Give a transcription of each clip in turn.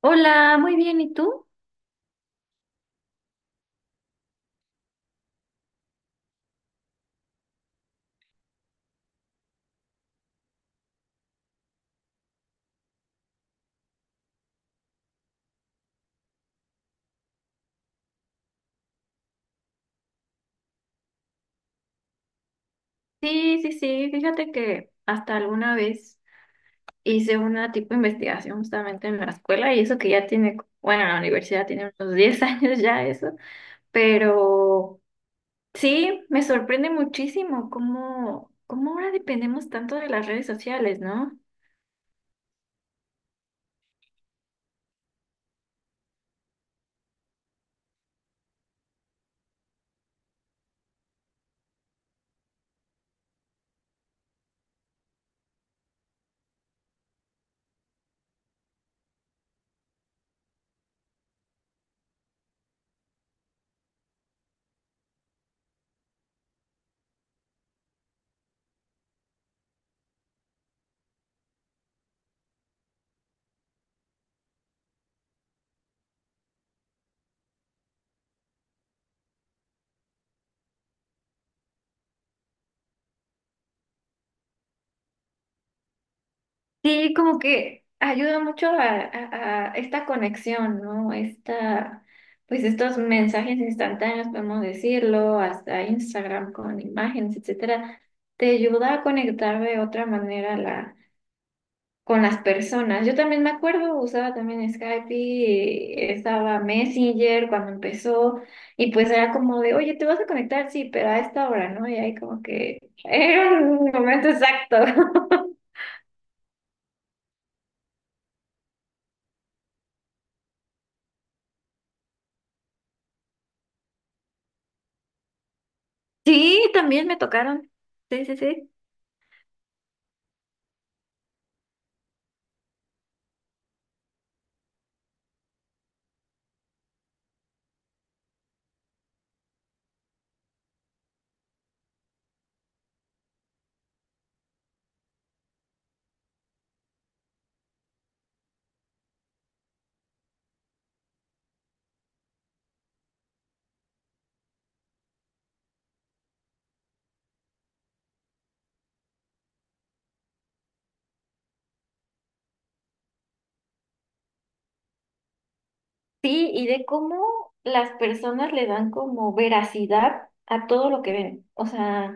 Hola, muy bien, ¿y tú? Sí, sí, sí, fíjate que hasta alguna vez hice una tipo de investigación justamente en la escuela y eso que ya tiene, bueno, en la universidad tiene unos 10 años ya eso, pero sí, me sorprende muchísimo cómo ahora dependemos tanto de las redes sociales, ¿no? Sí, como que ayuda mucho a esta conexión, ¿no? Esta, pues estos mensajes instantáneos, podemos decirlo, hasta Instagram con imágenes, etcétera, te ayuda a conectar de otra manera con las personas. Yo también me acuerdo, usaba también Skype y estaba Messenger cuando empezó, y pues era como de, oye, ¿te vas a conectar? Sí, pero a esta hora, ¿no? Y ahí como que era un momento exacto. Sí, también me tocaron. Sí, sí, sí. Sí, y de cómo las personas le dan como veracidad a todo lo que ven. O sea,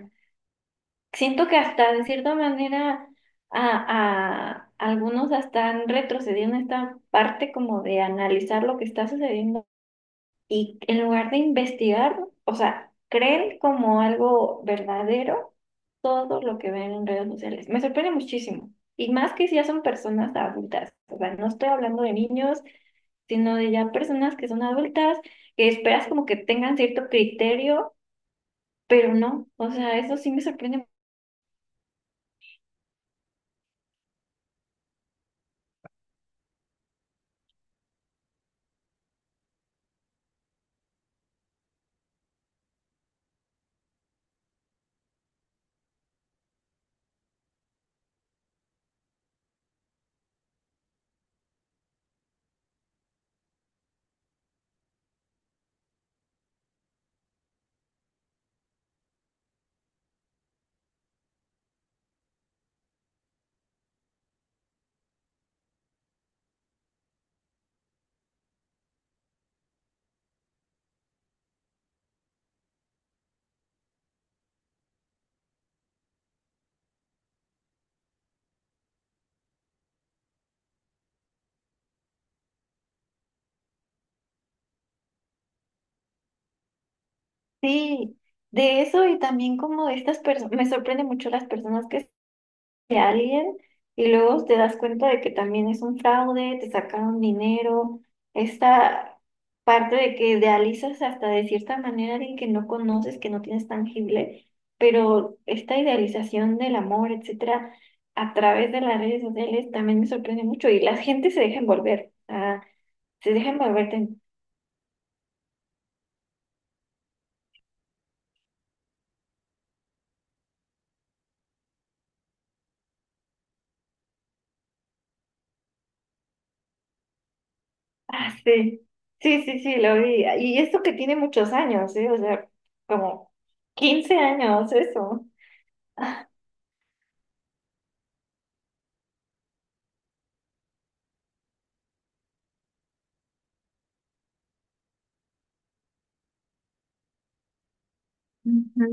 siento que hasta de cierta manera a algunos hasta han retrocedido en esta parte como de analizar lo que está sucediendo. Y en lugar de investigar, o sea, creen como algo verdadero todo lo que ven en redes sociales. Me sorprende muchísimo. Y más que si ya son personas adultas. O sea, no estoy hablando de niños, sino de ya personas que son adultas, que esperas como que tengan cierto criterio, pero no. O sea, eso sí me sorprende. Sí, de eso y también como de estas personas, me sorprende mucho las personas que de alguien y luego te das cuenta de que también es un fraude, te sacaron dinero, esta parte de que idealizas hasta de cierta manera a alguien que no conoces, que no tienes tangible, pero esta idealización del amor, etcétera, a través de las redes sociales también me sorprende mucho y la gente se deja envolver, ah, se deja envolver. Ah, sí, sí, sí, sí, lo vi. Y esto que tiene muchos años, ¿eh? O sea, como 15 años, eso. Ujú.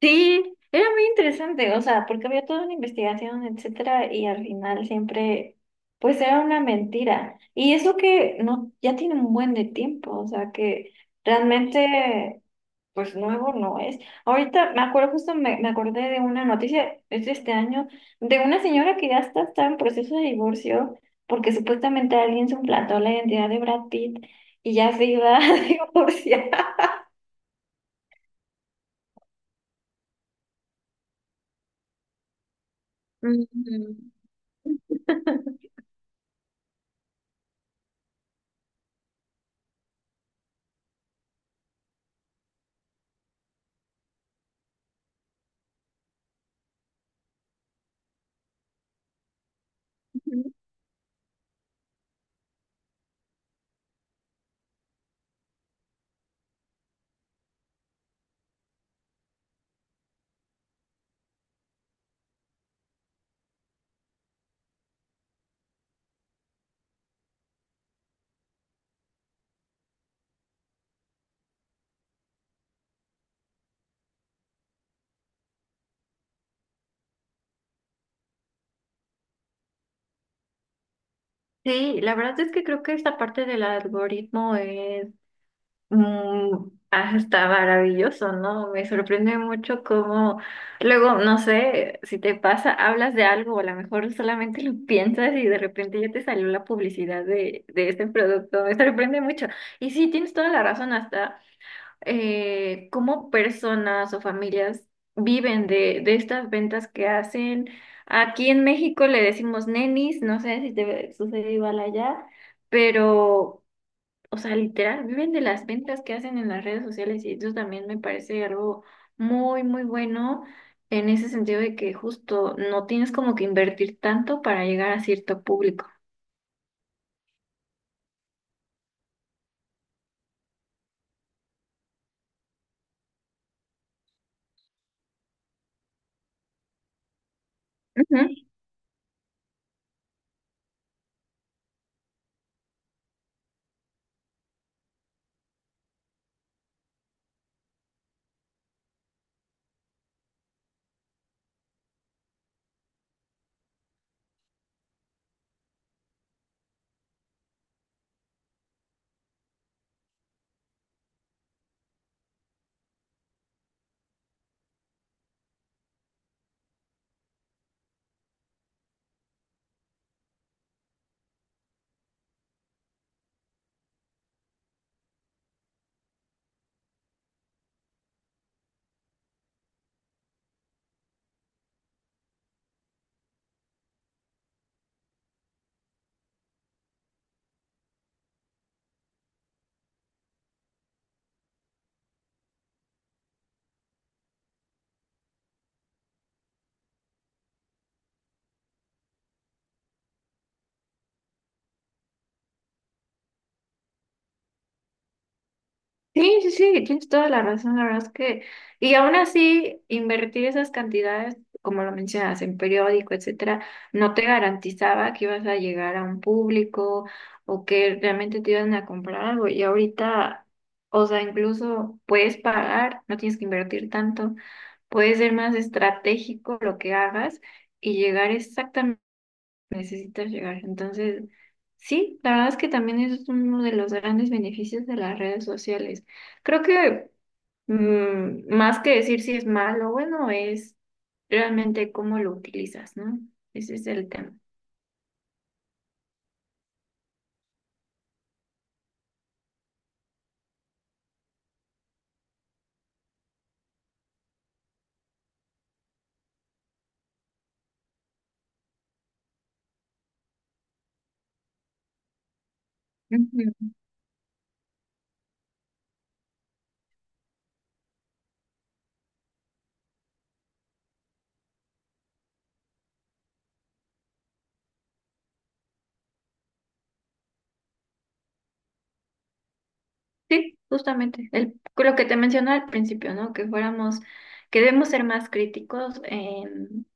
Sí, era muy interesante, o sea, porque había toda una investigación, etcétera, y al final siempre, pues era una mentira. Y eso que no, ya tiene un buen de tiempo, o sea, que realmente, pues nuevo no es. Ahorita me acuerdo, me acordé de una noticia, es de este año, de una señora que está en proceso de divorcio, porque supuestamente alguien suplantó la identidad de Brad Pitt y ya se iba a divorciar. Ujú. Sí, la verdad es que creo que esta parte del algoritmo es hasta maravilloso, ¿no? Me sorprende mucho cómo luego, no sé, si te pasa, hablas de algo o a lo mejor solamente lo piensas y de repente ya te salió la publicidad de este producto. Me sorprende mucho. Y sí, tienes toda la razón, hasta cómo personas o familias viven de estas ventas que hacen. Aquí en México le decimos nenis, no sé si te sucede igual allá, pero, o sea, literal, viven de las ventas que hacen en las redes sociales y eso también me parece algo muy, muy bueno en ese sentido de que justo no tienes como que invertir tanto para llegar a cierto público. Sí, sí, sí, tienes toda la razón, la verdad es que, y aún así, invertir esas cantidades, como lo mencionas, en periódico, etcétera, no te garantizaba que ibas a llegar a un público o que realmente te iban a comprar algo. Y ahorita, o sea, incluso puedes pagar, no tienes que invertir tanto, puedes ser más estratégico lo que hagas y llegar exactamente. Necesitas llegar. Entonces, sí, la verdad es que también es uno de los grandes beneficios de las redes sociales. Creo que más que decir si es malo o bueno, es realmente cómo lo utilizas, ¿no? Ese es el tema. Ujú. Sí, justamente. El, lo que te mencioné al principio, ¿no? Que fuéramos, que debemos ser más críticos en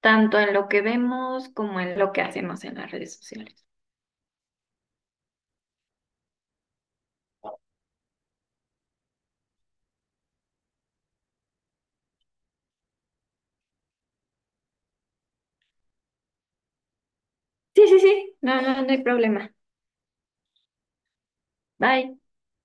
tanto en lo que vemos como en lo que hacemos en las redes sociales. Sí, sí, sí. No, no, no hay problema. Bye.